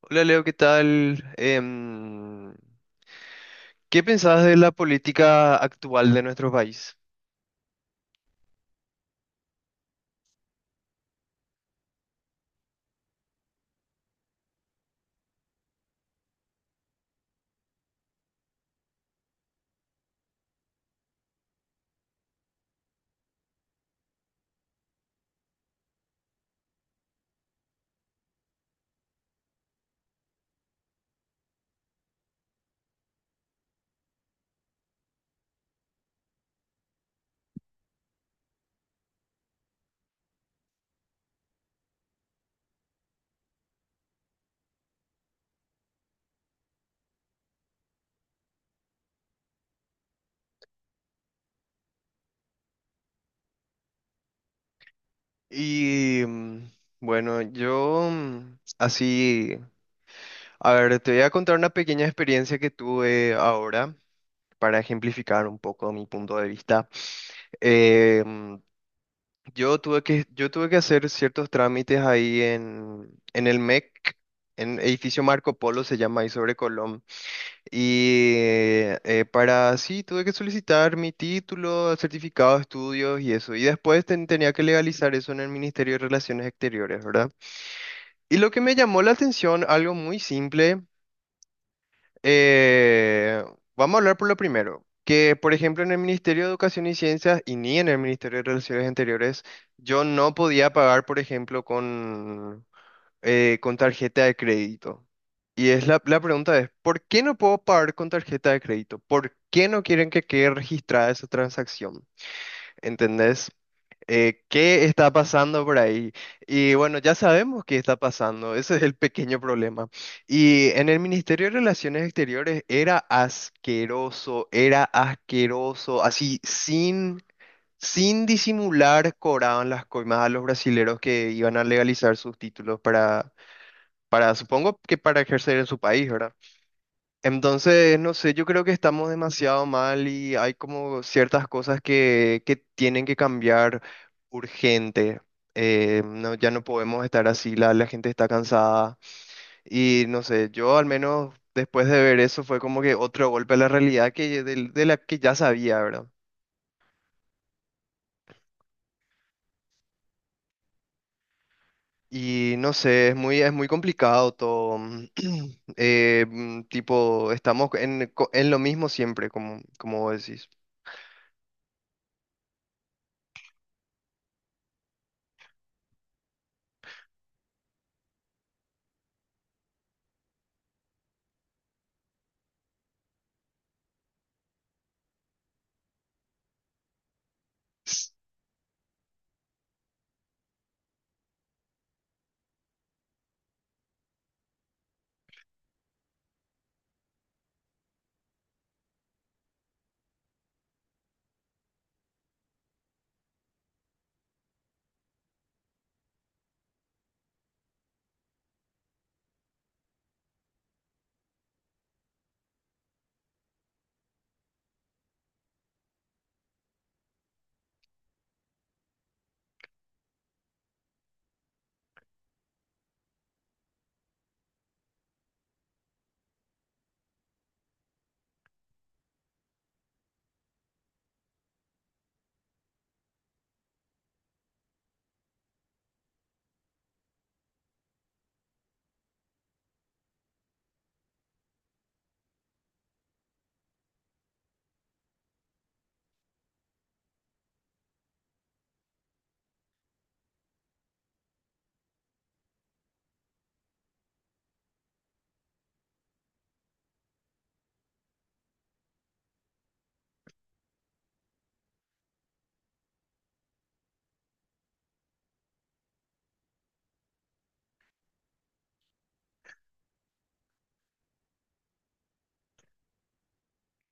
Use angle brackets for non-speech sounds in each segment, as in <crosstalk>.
Hola Leo, ¿qué tal? ¿Qué pensás de la política actual de nuestro país? Y mm, bueno, así, a ver, te voy a contar una pequeña experiencia que tuve ahora para ejemplificar un poco mi punto de vista. Em, yo tuve que hacer ciertos trámites ahí en el MEC, en edificio Marco Polo se llama ahí sobre Colón. Y para sí, tuve que solicitar mi título, certificado de estudios y eso. Y después tenía que legalizar eso en el Ministerio de Relaciones Exteriores, ¿verdad? Y lo que me llamó la atención, algo muy simple, eh, vamos a hablar por lo primero, que por ejemplo en el Ministerio de Educación y Ciencias y ni en el Ministerio de Relaciones Exteriores, yo no podía pagar, por ejemplo, con tarjeta de crédito. Y es la pregunta es, ¿por qué no puedo pagar con tarjeta de crédito? ¿Por qué no quieren que quede registrada esa transacción? ¿Entendés? ¿Qué está pasando por ahí? Y bueno, ya sabemos qué está pasando, ese es el pequeño problema. Y en el Ministerio de Relaciones Exteriores era asqueroso, así sin disimular cobraban las coimas a los brasileros que iban a legalizar sus títulos para para supongo que para ejercer en su país, ¿verdad? Entonces, no sé, yo creo que estamos demasiado mal y hay como ciertas cosas que tienen que cambiar urgente. No, ya no podemos estar así, la gente está cansada y no sé, yo al menos después de ver eso fue como que otro golpe a la realidad de la que ya sabía, ¿verdad? Y no sé, es es muy complicado todo. <clears throat> Tipo, estamos en, en lo mismo siempre, como vos decís.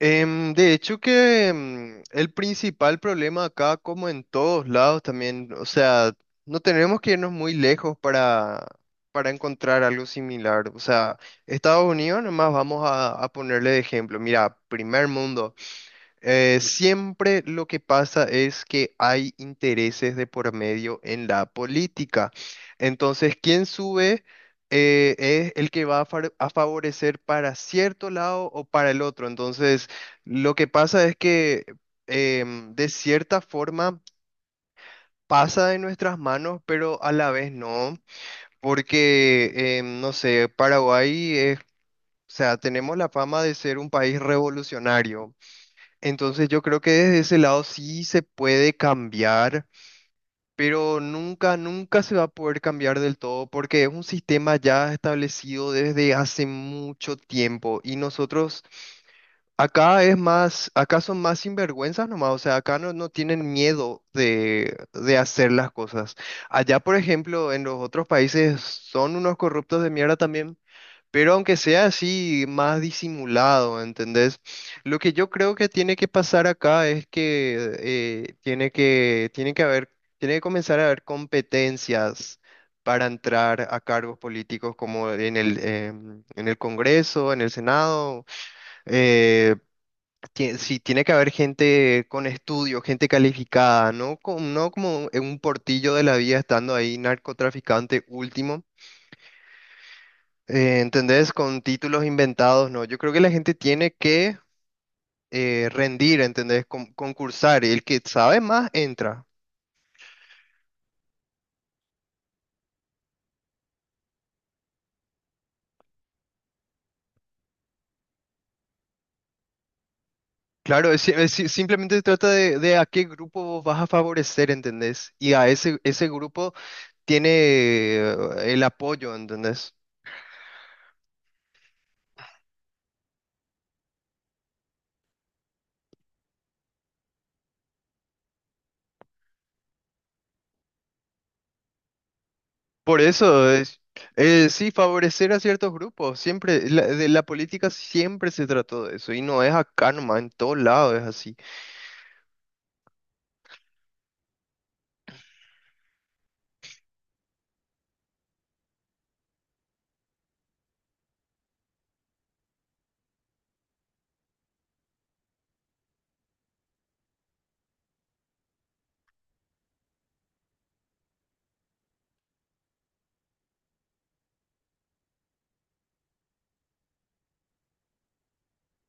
De hecho que el principal problema acá, como en todos lados también, o sea, no tenemos que irnos muy lejos para encontrar algo similar. O sea, Estados Unidos, nomás vamos a ponerle de ejemplo. Mira, primer mundo. Siempre lo que pasa es que hay intereses de por medio en la política. Entonces, quien sube es el que va a, a favorecer para cierto lado o para el otro. Entonces, lo que pasa es que de cierta forma pasa de nuestras manos, pero a la vez no, porque, no sé, Paraguay es... O sea, tenemos la fama de ser un país revolucionario, entonces yo creo que desde ese lado sí se puede cambiar, pero nunca, nunca se va a poder cambiar del todo porque es un sistema ya establecido desde hace mucho tiempo y nosotros acá es más, acá son más sinvergüenzas nomás, o sea, acá no, no tienen miedo de hacer las cosas. Allá, por ejemplo, en los otros países son unos corruptos de mierda también pero aunque sea así, más disimulado, ¿entendés? Lo que yo creo que tiene que pasar acá es que tiene que haber, tiene que comenzar a haber competencias para entrar a cargos políticos como en el, en el Congreso, en el Senado. eh, sí, tiene que haber gente con estudio, gente calificada, ¿no? No como en un portillo de la vida estando ahí narcotraficante último, ¿entendés? Con títulos inventados, no. Yo creo que la gente tiene que rendir, ¿entendés? Concursar. Y el que sabe más entra. Claro, es si- simplemente se trata de a qué grupo vos vas a favorecer, ¿entendés? Y a ese grupo tiene el apoyo, ¿entendés? Por eso es, sí, favorecer a ciertos grupos. Siempre, de la política siempre se trató de eso. Y no es acá nomás, en todos lados es así.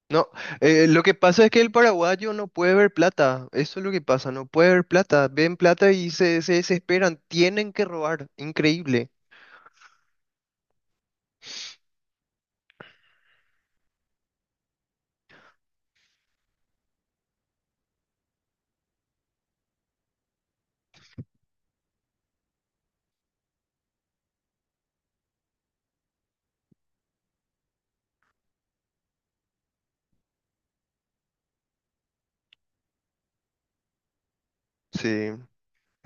No, lo que pasa es que el paraguayo no puede ver plata, eso es lo que pasa, no puede ver plata, ven plata y se desesperan, tienen que robar, increíble. Sí.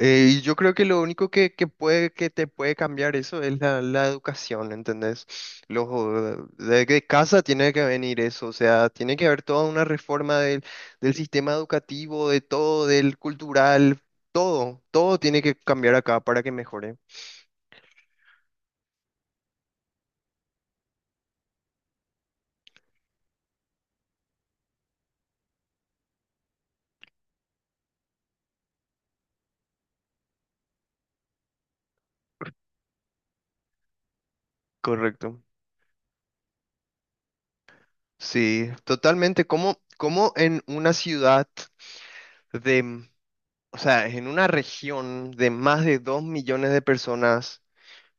Y yo creo que lo único que te puede cambiar eso es la educación, ¿entendés? De casa tiene que venir eso, o sea, tiene que haber toda una reforma del, del sistema educativo, de todo, del cultural, todo, todo tiene que cambiar acá para que mejore. Correcto. Sí, totalmente. Como en una ciudad de, mm, o sea, en una región de más de 2.000.000 de personas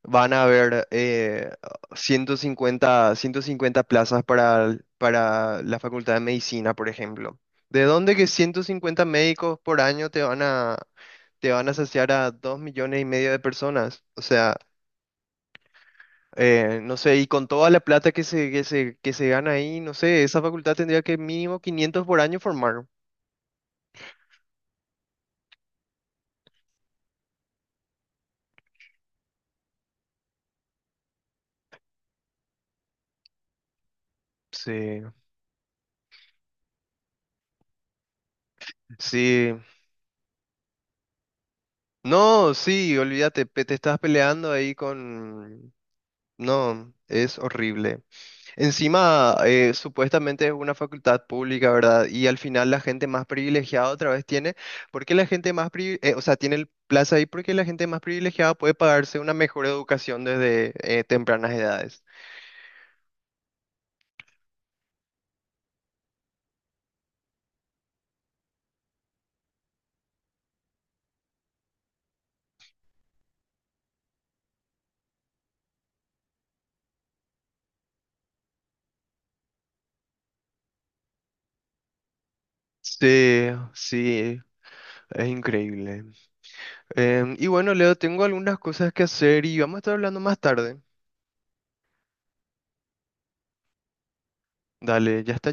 van a haber 150 150 plazas para, para la Facultad de Medicina, ¿por ejemplo? ¿De dónde que 150 médicos por año te van a saciar a 2.500.000 de personas? O sea, no sé, y con toda la plata que se gana ahí, no sé, esa facultad tendría que mínimo 500 por año formar. Sí, sí. No, sí, olvídate, te estás peleando ahí con... No, es horrible. Encima, supuestamente es una facultad pública, ¿verdad? Y al final la gente más privilegiada otra vez tiene, porque la gente más o sea, tiene el plaza ahí porque la gente más privilegiada puede pagarse una mejor educación desde tempranas edades. Sí, sí. Es increíble. Y bueno, Leo, tengo algunas cosas que hacer y vamos a estar hablando más tarde. Dale, ya está.